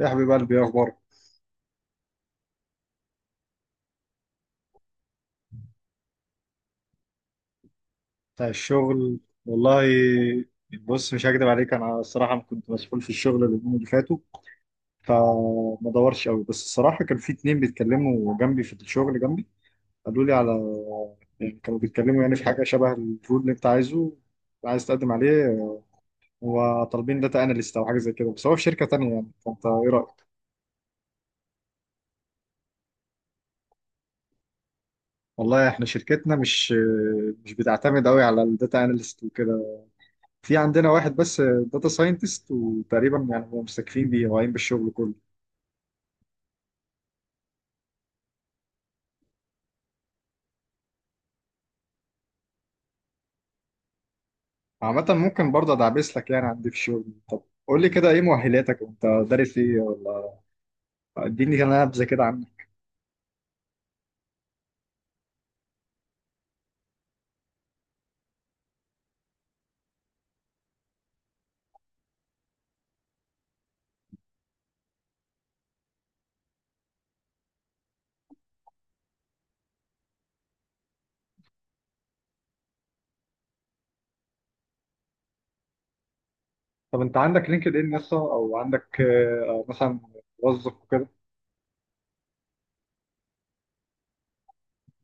يا حبيب قلبي، ايه اخبارك؟ بتاع الشغل. والله، بص، مش هكدب عليك، انا الصراحه كنت مسؤول في الشغل اليومين اللي فاتوا، فما دورش قوي. بس الصراحه كان في اتنين بيتكلموا جنبي في الشغل جنبي، قالوا لي على... يعني كانوا بيتكلموا يعني في حاجه شبه الرول اللي انت عايزه، عايز تقدم عليه، وطالبين داتا اناليست او حاجه زي كده، بس هو في شركه تانيه يعني. فانت ايه رايك؟ والله احنا شركتنا مش بتعتمد قوي على الداتا اناليست وكده. في عندنا واحد بس داتا ساينتست، وتقريبا يعني هم مستكفين بيه، واقعين بالشغل كله. عامة ممكن برضه ادعبس لك يعني عندي في الشغل. طب قول لي كده، ايه مؤهلاتك وانت دارس ايه ولا؟ اديني كده نبذة كده عنك. طب انت عندك لينكد ان يسطا، او عندك مثلا موظف وكده؟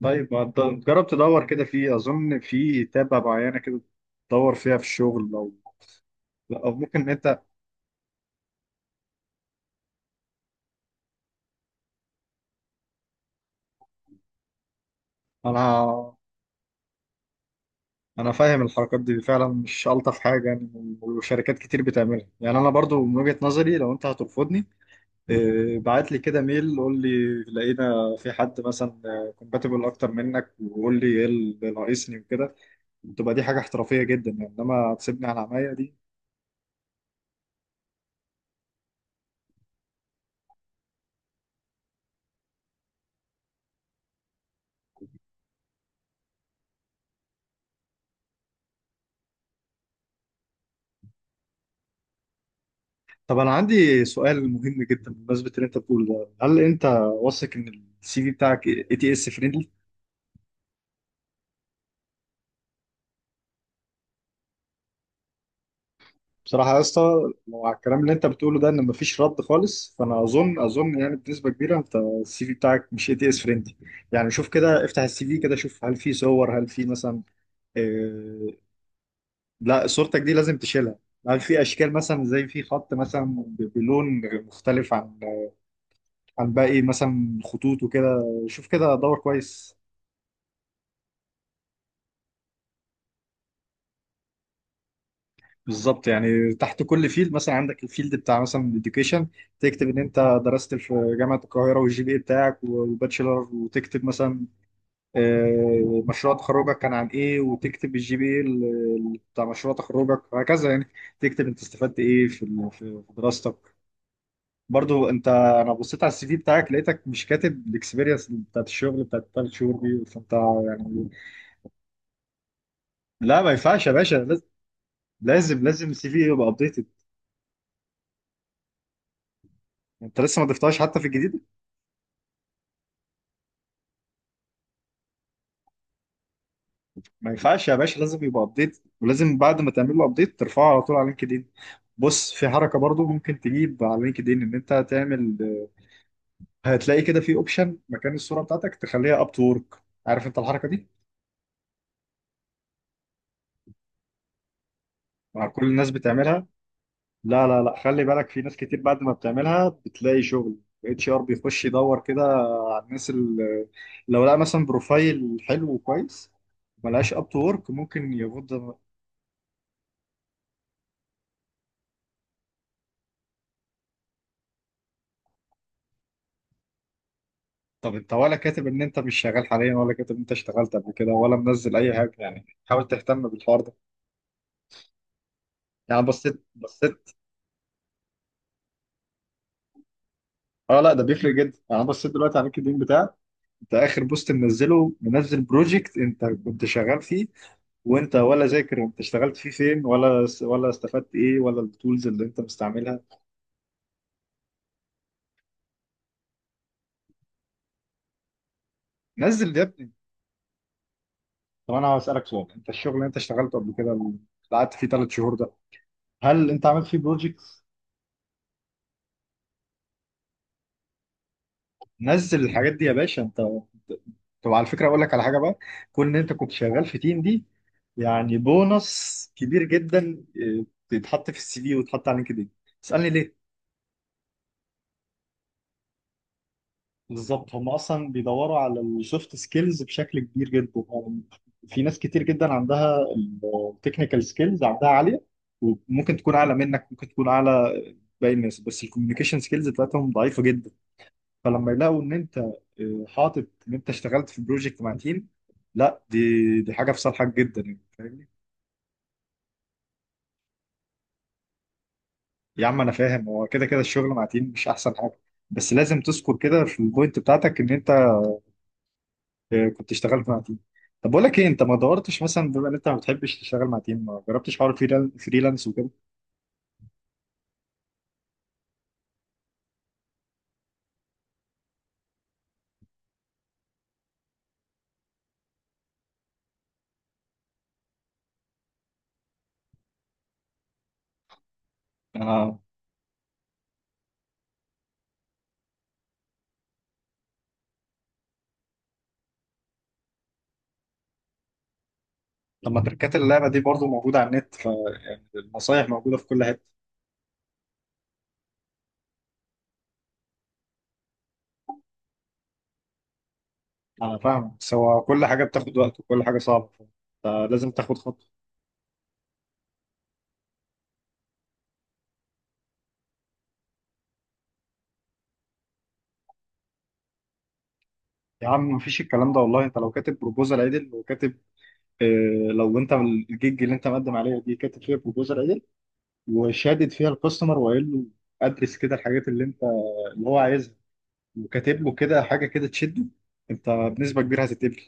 طيب ما تد- جرب تدور كده، فيه اظن في تابة معينة كده تدور فيها في الشغل لو... لا، او ممكن إن انت... انا انا فاهم الحركات دي، فعلا مش الطف حاجه يعني، وشركات كتير بتعملها. يعني انا برضو من وجهه نظري، لو انت هترفضني بعت لي كده ميل قول لي لقينا في حد مثلا كومباتبل اكتر منك، وقول لي ايه اللي ناقصني وكده، تبقى دي حاجه احترافيه جدا يعني. انما تسيبني على عماية دي... طب انا عندي سؤال مهم جدا بمناسبه اللي انت بتقوله ده، هل انت واثق ان السي في بتاعك اي تي اس فريندلي؟ بصراحة يا اسطى، لو على الكلام اللي انت بتقوله ده ان مفيش رد خالص، فانا اظن يعني بنسبة كبيرة انت السي في بتاعك مش اي تي اس فريندلي. يعني شوف كده، افتح السي في كده، شوف هل في صور، هل في مثلا... اه، لا، صورتك دي لازم تشيلها. هل في اشكال مثلا، زي في خط مثلا بلون مختلف عن باقي مثلا خطوط وكده؟ شوف كده، دور كويس. بالظبط، يعني تحت كل فيلد، مثلا عندك الفيلد بتاع مثلا الاديوكيشن، تكتب ان انت درست في جامعه القاهره، والجي بي بتاعك، وباتشلر، وتكتب مثلا مشروع تخرجك كان عن ايه، وتكتب الجي بي بتاع مشروع تخرجك، وهكذا يعني. تكتب انت استفدت ايه في ال- في في دراستك. برضو انت، انا بصيت على السي في بتاعك، لقيتك مش كاتب الاكسبيرينس بتاعت الشغل بتاعت الثلاث شهور دي، فانت يعني... لا، ما ينفعش يا باشا، لازم. لازم السي في يبقى ابديتد. انت لسه ما ضفتهاش حتى في الجديد؟ ما ينفعش يا باشا، لازم يبقى ابديت، ولازم بعد ما تعمل له ابديت ترفعه على طول على لينكدين. بص، في حركه برضو ممكن تجيب على لينكدين، ان انت هتعمل... هتلاقي كده في اوبشن مكان الصوره بتاعتك تخليها اب تو ورك. عارف انت الحركه دي؟ مع كل الناس بتعملها. لا، لا، لا، خلي بالك، في ناس كتير بعد ما بتعملها بتلاقي شغل. اتش ار بيخش يدور كده على الناس اللي... لو لقى مثلا بروفايل حلو وكويس ملهاش اب تو ورك ممكن يفض. طب انت ولا كاتب ان انت مش شغال حاليا، ولا كاتب ان انت اشتغلت قبل كده، ولا منزل اي حاجه؟ يعني حاول تهتم بالحوار ده. يعني بصيت. اه، لا، ده بيفرق جدا يعني. انا بصيت دلوقتي على اللينكد ان بتاعك، انت اخر بوست منزله، منزل بروجكت انت كنت شغال فيه، وانت ولا ذاكر انت اشتغلت فيه فين، ولا استفدت ايه، ولا التولز اللي انت مستعملها. نزل ده يا ابني. طب انا هسالك سؤال، انت الشغل اللي انت اشتغلته قبل كده، اللي قعدت فيه 3 شهور ده، هل انت عملت فيه بروجكت؟ نزل الحاجات دي يا باشا. انت طب على فكره، اقول لك على حاجه بقى، كون ان انت كنت شغال في تيم دي يعني بونص كبير جدا. اه، بيتحط في السي في ويتحط على لينكدين. تسالني ليه؟ بالظبط، هم اصلا بيدوروا على السوفت سكيلز بشكل كبير جدا يعني. في ناس كتير جدا عندها التكنيكال سكيلز عندها عاليه، وممكن تكون اعلى منك، ممكن تكون اعلى باقي الناس، بس الكوميونيكيشن سكيلز بتاعتهم ضعيفه جدا. فلما يلاقوا ان انت حاطط ان انت اشتغلت في بروجكت مع تيم، لا، دي حاجه في صالحك جدا يعني، فاهمني؟ يا عم انا فاهم، هو كده كده الشغل مع تيم مش احسن حاجه، بس لازم تذكر كده في البوينت بتاعتك ان انت كنت اشتغلت مع تيم. طب بقول لك ايه، انت ما دورتش مثلا، بما ان انت ما بتحبش تشتغل مع تيم، ما جربتش حوار فريلانس وكده؟ انا لما تركات اللعبه دي برضو موجوده على النت، فالنصايح موجوده في كل حته. انا فاهم، بس هو كل حاجه بتاخد وقت وكل حاجه صعبه، فلازم تاخد خطوه. يا عم مفيش الكلام ده، والله انت لو كاتب بروبوزال عدل، وكاتب... اه لو انت الجيج اللي انت مقدم عليها دي كاتب فيها بروبوزال عدل، وشادد فيها الكاستمر، وقايل له ادرس كده الحاجات اللي انت... اللي هو عايزها، وكاتب له كده حاجه كده تشده، انت بنسبه كبيره هتتقبل.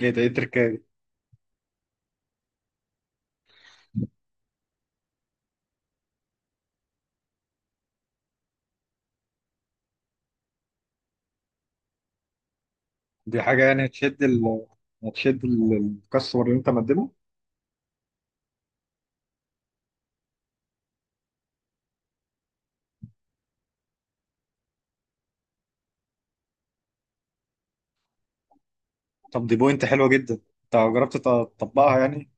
ايه ده، ايه التركايه دي؟ دي حاجه يعني هتشد ال... هتشد ال- الكاستمر اللي انت مقدمه. طب دي بوينت حلوه جدا، انت جربت تطبقها يعني؟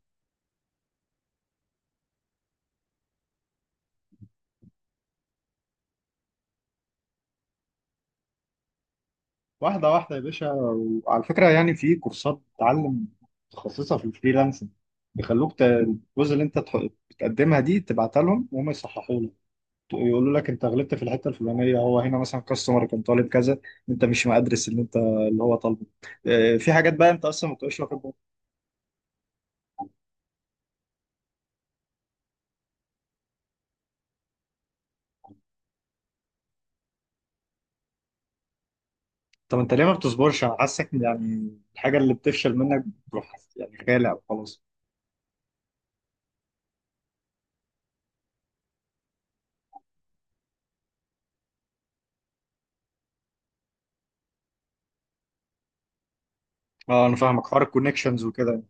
واحدة واحدة يا باشا. وعلى فكرة، يعني في كورسات تعلم متخصصة في الفريلانسنج، بيخلوك الجزء اللي انت بتقدمها دي تبعتها لهم، وهم يصححوا لك، يقولوا لك انت غلطت في الحتة الفلانية، هو هنا مثلا كاستمر كان طالب كذا، انت مش مقدرس اللي انت... اللي هو طالبه. اه، في حاجات بقى انت اصلا ما بتبقاش واخد بالك. طب انت ليه ما بتصبرش؟ انا حاسك يعني الحاجة اللي بتفشل منك بتروح يعني غالي او خلاص. اه انا فاهمك، حوار الكونكشنز وكده.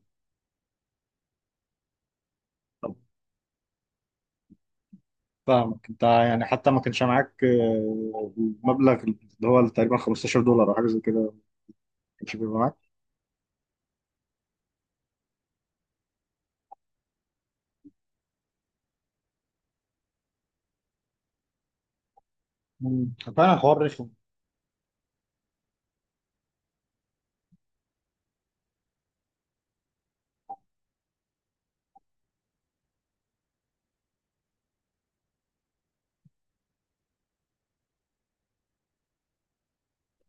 فاهمك، انت يعني حتى ما كانش معاك المبلغ اللي هو تقريبا $15 او حاجه زي كده، ما كانش بيبقى معاك. فعلا الحوار رخم.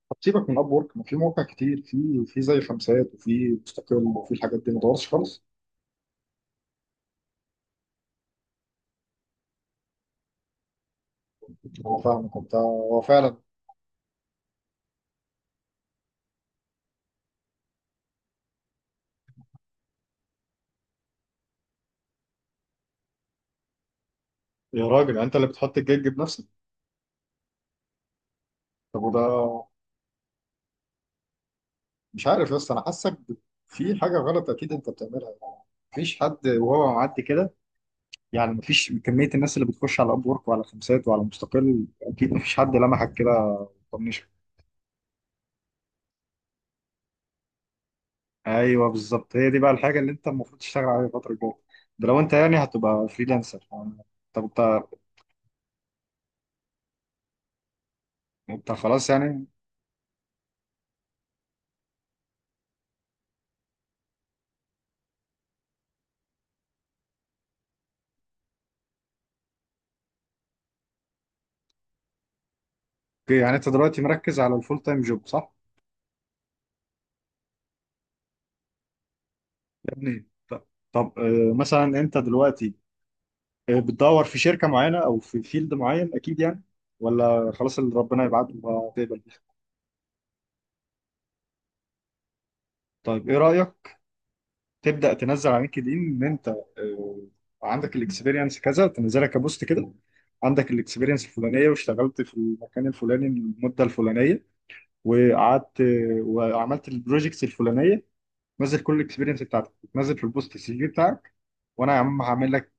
طب سيبك من اب ورك، ما في مواقع كتير، في زي خمسات، وفي مستقل، وفي الحاجات دي، ما دورش خالص. هو فاهمك، انت هو فعلا... يا راجل انت اللي بتحط الجيج بنفسك. طب وده... مش عارف، بس انا حاسك في حاجه غلط اكيد انت بتعملها يعني. مفيش حد وهو معدي كده، يعني مفيش كميه الناس اللي بتخش على اب ورك، وعلى خمسات، وعلى مستقل، اكيد مفيش حد لمحك كده. ايوه بالظبط، هي دي بقى الحاجه اللي انت المفروض تشتغل عليها الفتره الجايه، ده لو انت يعني هتبقى فريلانسر. طب انت... انت خلاص يعني؟ اوكي، يعني انت دلوقتي مركز على الفول تايم جوب صح؟ يا ابني طب مثلا انت دلوقتي بتدور في شركه معينه، او في فيلد معين، اكيد يعني؟ ولا خلاص اللي ربنا يبعته هتقبل بيه؟ طيب ايه رايك تبدا تنزل على لينكد ان ان انت آه، عندك الاكسبيرينس كذا، تنزلها كبوست كده، عندك الاكسبيرينس الفلانيه، واشتغلت في المكان الفلاني المده الفلانيه، وقعدت وعملت البروجيكتس الفلانيه. نزل كل الاكسبيرينس بتاعتك، نزل في البوست السي في بتاعك، وانا يا عم هعمل لك...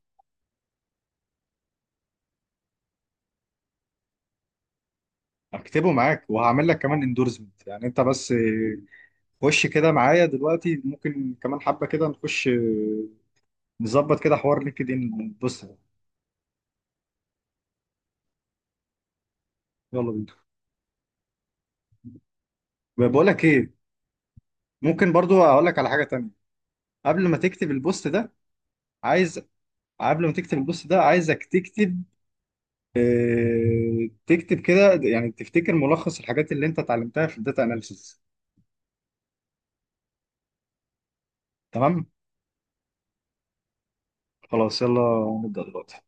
اكتبه معاك، وهعمل لك كمان اندورسمنت، يعني انت بس خش كده معايا دلوقتي، ممكن كمان حبه كده نخش نظبط كده حوار لينكد ان، بص ده. يلا بينا. بقول لك ايه، ممكن برضو اقول لك على حاجه تانية قبل ما تكتب البوست ده. عايز قبل ما تكتب البوست ده عايزك تكتب تكتب كده يعني تفتكر ملخص الحاجات اللي انت اتعلمتها في الداتا اناليسيس. تمام؟ خلاص يلا، نبدأ دلوقتي.